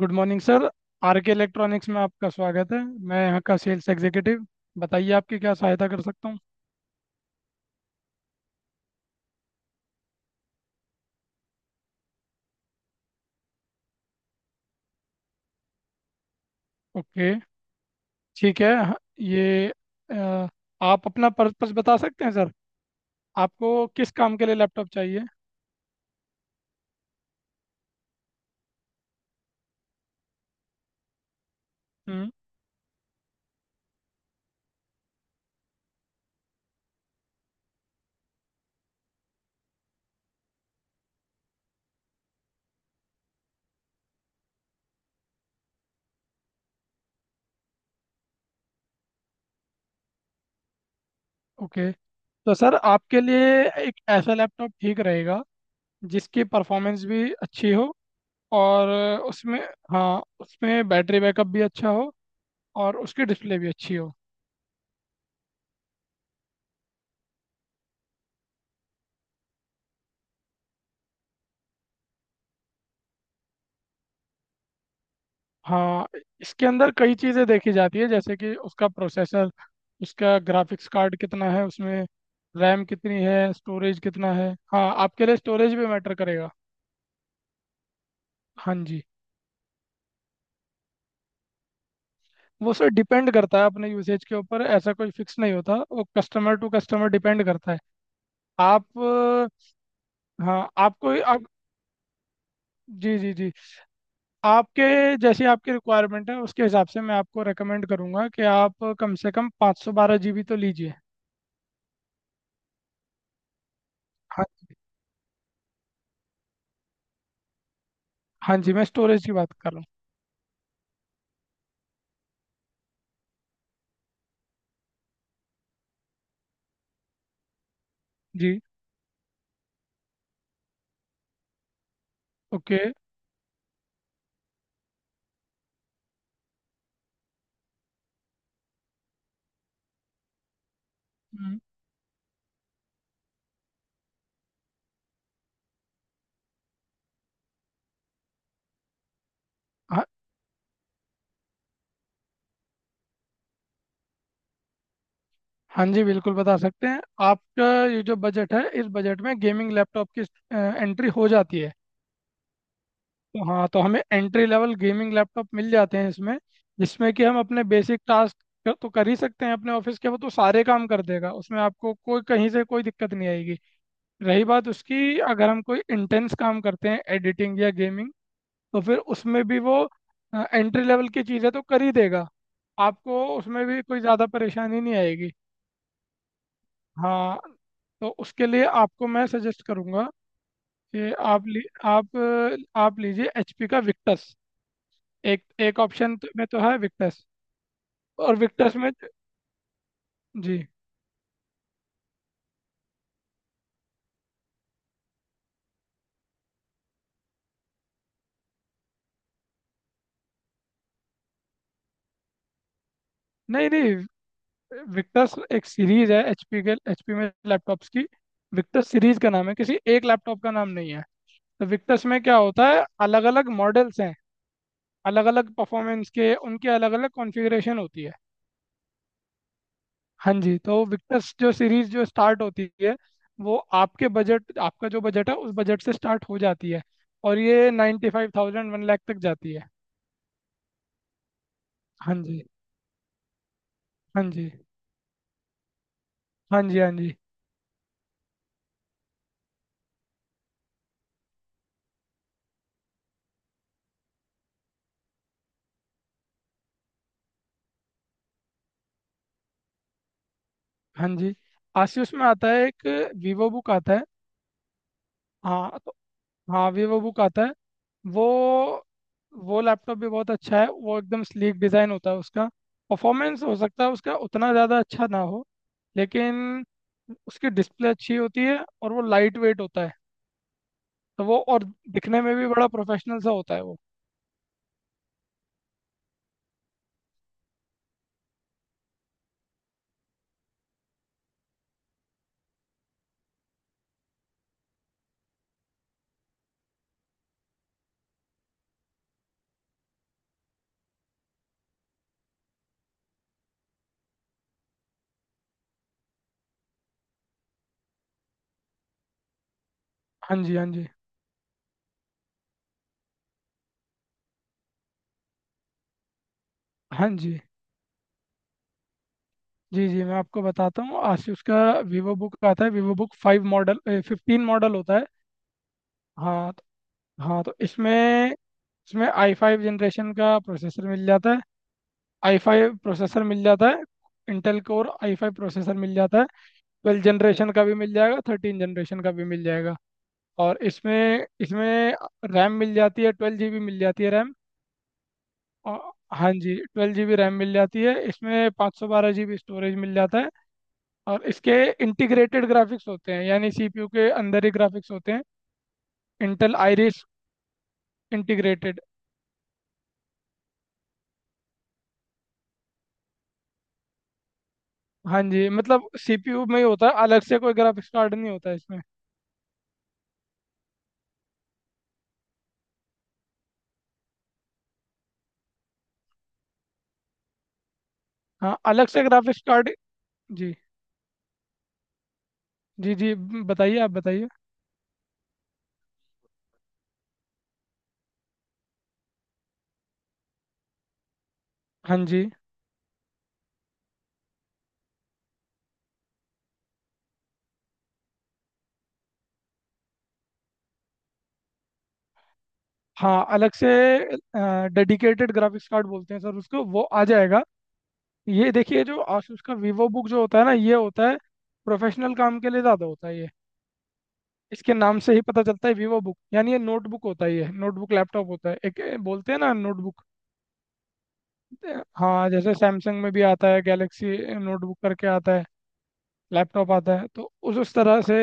Good morning sir. R K electronics में आपका स्वागत है। मैं यहाँ का सेल्स एग्जीक्यूटिव, बताइए आपकी क्या सहायता कर सकता हूँ। ओके, ठीक है। ये अ, आप अपना पर्पस बता सकते हैं सर। आपको किस काम के लिए लैपटॉप चाहिए। हम्म। ओके, तो सर आपके लिए एक ऐसा लैपटॉप ठीक रहेगा जिसकी परफॉर्मेंस भी अच्छी हो, और उसमें हाँ उसमें बैटरी बैकअप भी अच्छा हो, और उसकी डिस्प्ले भी अच्छी हो। हाँ, इसके अंदर कई चीज़ें देखी जाती है, जैसे कि उसका प्रोसेसर, उसका ग्राफिक्स कार्ड कितना है उसमें, रैम कितनी है, स्टोरेज कितना है। हाँ, आपके लिए स्टोरेज भी मैटर करेगा। हाँ जी, वो सर डिपेंड करता है अपने यूसेज के ऊपर, ऐसा कोई फिक्स नहीं होता, वो कस्टमर टू कस्टमर डिपेंड करता है। आप अ, हाँ आपको आप जी जी जी आपके जैसी आपकी रिक्वायरमेंट है उसके हिसाब से मैं आपको रेकमेंड करूंगा कि आप कम से कम 512 जीबी तो लीजिए। हाँ जी। हाँ जी, मैं स्टोरेज की बात कर रहा हूँ। जी। ओके। हम्म। हाँ। हाँ जी, बिल्कुल बता सकते हैं। आपका ये जो बजट है, इस बजट में गेमिंग लैपटॉप की एंट्री हो जाती है। तो हाँ, तो हमें एंट्री लेवल गेमिंग लैपटॉप मिल जाते हैं इसमें, जिसमें कि हम अपने बेसिक टास्क तो कर ही सकते हैं। अपने ऑफिस के वो तो सारे काम कर देगा, उसमें आपको कोई कहीं से कोई दिक्कत नहीं आएगी। रही बात उसकी, अगर हम कोई इंटेंस काम करते हैं एडिटिंग या गेमिंग, तो फिर उसमें भी वो एंट्री लेवल की चीज़ें तो कर ही देगा, आपको उसमें भी कोई ज़्यादा परेशानी नहीं आएगी। हाँ, तो उसके लिए आपको मैं सजेस्ट करूंगा कि आप लीजिए एचपी का विक्टस। एक एक ऑप्शन तो में तो है विक्टस, और विक्टस में जी नहीं नहीं, विक्टस एक सीरीज है एचपी के, एचपी में लैपटॉप्स की। विक्टस सीरीज का नाम है, किसी एक लैपटॉप का नाम नहीं है। तो विक्टस में क्या होता है, अलग अलग मॉडल्स हैं, अलग अलग परफॉर्मेंस के, उनके अलग अलग कॉन्फ़िगरेशन होती है। हाँ जी, तो विक्टर्स जो सीरीज जो स्टार्ट होती है वो आपके बजट आपका जो बजट है उस बजट से स्टार्ट हो जाती है, और ये 95,000 1 लाख तक जाती है। हाँ जी। हाँ जी। हाँ जी। हाँ जी। हाँ जी, आसियोस में आता है एक वीवो बुक आता है। हाँ तो हाँ, वीवो बुक आता है। वो वो लैपटॉप भी बहुत अच्छा है, वो एकदम स्लीक डिज़ाइन होता है उसका। परफॉर्मेंस हो सकता है उसका उतना ज़्यादा अच्छा ना हो, लेकिन उसकी डिस्प्ले अच्छी होती है, और वो लाइट वेट होता है। तो वो और दिखने में भी बड़ा प्रोफेशनल सा होता है वो। हाँ जी। हाँ जी। हाँ जी, जी जी, मैं आपको बताता हूँ आसूस का वीवो बुक आता है, Vivobook five model fifteen model होता है। हाँ तो- हाँ तो इसमें, इसमें आई फाइव जनरेशन का प्रोसेसर मिल जाता है, आई फाइव प्रोसेसर मिल जाता है, Intel core i five processor मिल जाता है। ट्वेल्व जनरेशन का भी मिल जाएगा, थर्टीन जनरेशन का भी मिल जाएगा। और इसमें इसमें रैम मिल जाती है, ट्वेल्व जी बी मिल जाती है रैम। और हाँ जी, ट्वेल्व जी बी रैम मिल जाती है इसमें, 512 जी बी स्टोरेज मिल जाता है। और इसके इंटीग्रेटेड ग्राफिक्स होते हैं, यानी सीपीयू के अंदर ही ग्राफिक्स होते हैं, इंटेल आइरिस इंटीग्रेटेड। हाँ जी, मतलब सीपीयू में ही होता है, अलग से कोई ग्राफिक्स कार्ड नहीं होता इसमें। हाँ, अलग से ग्राफिक्स कार्ड। जी जी जी, बताइए आप बताइए। हाँ जी, हाँ अलग से डेडिकेटेड ग्राफिक्स कार्ड बोलते हैं सर उसको, वो आ जाएगा। ये देखिए, जो आसूस का वीवो बुक जो होता है ना ये होता है प्रोफेशनल काम के लिए, ज़्यादा होता है ये। इसके नाम से ही पता चलता है वीवो बुक, यानी ये नोटबुक होता ही है, नोटबुक लैपटॉप होता है एक, ए, बोलते हैं ना नोटबुक। हाँ, जैसे सैमसंग में भी आता है गैलेक्सी नोटबुक करके आता है, लैपटॉप आता है। तो उस तरह से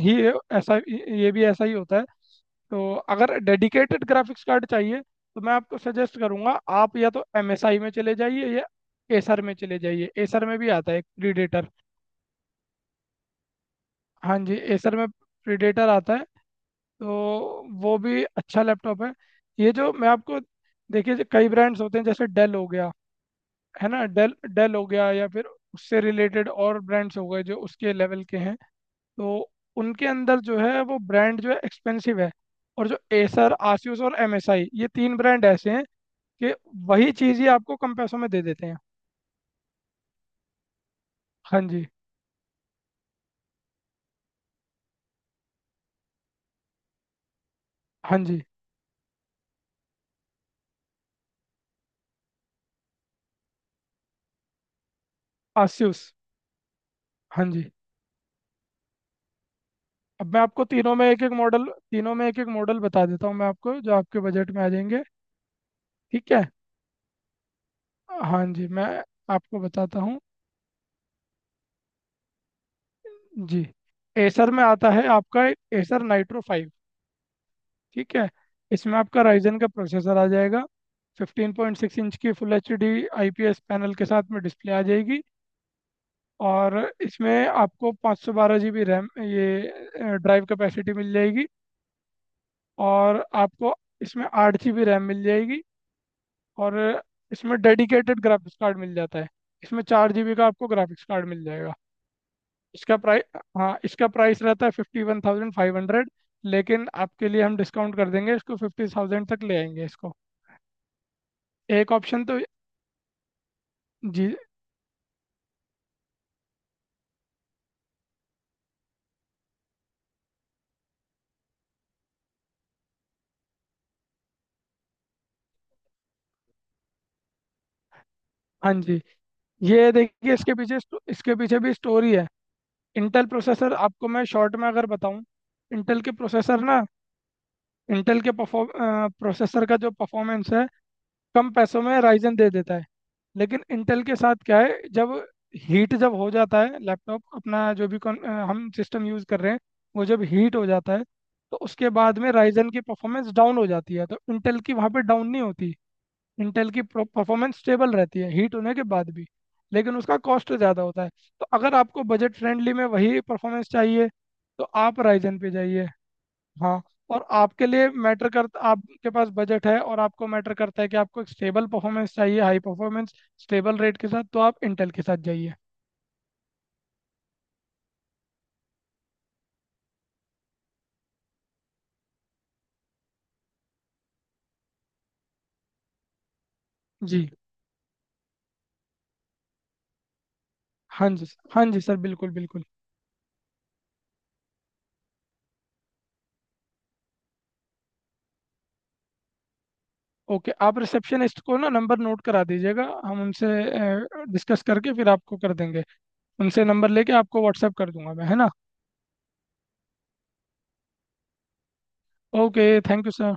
ही ऐसा ये भी ऐसा ही होता है। तो अगर डेडिकेटेड ग्राफिक्स कार्ड चाहिए, तो मैं आपको सजेस्ट करूंगा आप या तो MSI में चले जाइए या एसर में चले जाइए, एसर में भी आता है एक प्रीडेटर। हाँ जी, एसर में प्रीडेटर आता है, तो वो भी अच्छा लैपटॉप है। ये जो मैं आपको देखिए, जो कई ब्रांड्स होते हैं जैसे डेल हो गया, है ना, डेल डेल हो गया, या फिर उससे रिलेटेड और ब्रांड्स हो गए जो उसके लेवल के हैं, तो उनके अंदर जो है वो ब्रांड जो है एक्सपेंसिव है। और जो एसर, आसूस और एमएसआई, ये तीन ब्रांड ऐसे हैं कि वही चीज़ ही आपको कम पैसों में दे देते हैं। हाँ जी। हाँ जी। आसूस। हाँ जी। अब मैं आपको तीनों में एक एक मॉडल तीनों में एक एक मॉडल बता देता हूँ मैं आपको, जो आपके बजट में आ जाएंगे। ठीक है, हाँ जी, मैं आपको बताता हूँ। जी, एसर में आता है आपका एसर नाइट्रो फाइव। ठीक है, इसमें आपका राइजन का प्रोसेसर आ जाएगा। 15.6 इंच की full H D I P S panel के साथ में डिस्प्ले आ जाएगी। और इसमें आपको 512 GB रैम ये ड्राइव कैपेसिटी मिल जाएगी। और आपको इसमें 8 GB रैम मिल जाएगी। और इसमें डेडिकेटेड ग्राफिक्स कार्ड मिल जाता है, इसमें 4 GB का आपको ग्राफिक्स कार्ड मिल जाएगा। इसका प्राइस, हाँ इसका प्राइस रहता है 51,500, लेकिन आपके लिए हम डिस्काउंट कर देंगे, इसको 50,000 तक ले आएंगे इसको। एक ऑप्शन तो जी, हाँ जी, ये देखिए इसके पीछे इसके पीछे भी स्टोरी है। इंटेल प्रोसेसर आपको मैं शॉर्ट में अगर बताऊं, इंटेल के प्रोसेसर ना, इंटेल के परफॉर्म प्रोसेसर का जो परफॉर्मेंस है कम पैसों में राइजन दे देता है। लेकिन इंटेल के साथ क्या है, जब हीट जब हो जाता है लैपटॉप, अपना जो भी हम सिस्टम यूज़ कर रहे हैं वो जब हीट हो जाता है, तो उसके बाद में राइजन की परफॉर्मेंस डाउन हो जाती है, तो इंटेल की वहाँ पे डाउन नहीं होती। इंटेल की परफॉर्मेंस स्टेबल रहती है हीट होने के बाद भी, लेकिन उसका कॉस्ट ज़्यादा होता है। तो अगर आपको बजट फ्रेंडली में वही परफॉर्मेंस चाहिए, तो आप राइजन पे जाइए। हाँ, और आपके लिए मैटर करता आपके पास बजट है, और आपको मैटर करता है कि आपको एक स्टेबल परफॉर्मेंस चाहिए, हाई परफॉर्मेंस स्टेबल रेट के साथ, तो आप इंटेल के साथ जाइए। जी। हाँ जी सर, हाँ जी सर, बिल्कुल बिल्कुल। ओके, आप रिसेप्शनिस्ट को ना नंबर नोट करा दीजिएगा, हम उनसे डिस्कस करके फिर आपको कर देंगे, उनसे नंबर लेके आपको व्हाट्सएप कर दूंगा मैं, है ना। Okay, thank you sir.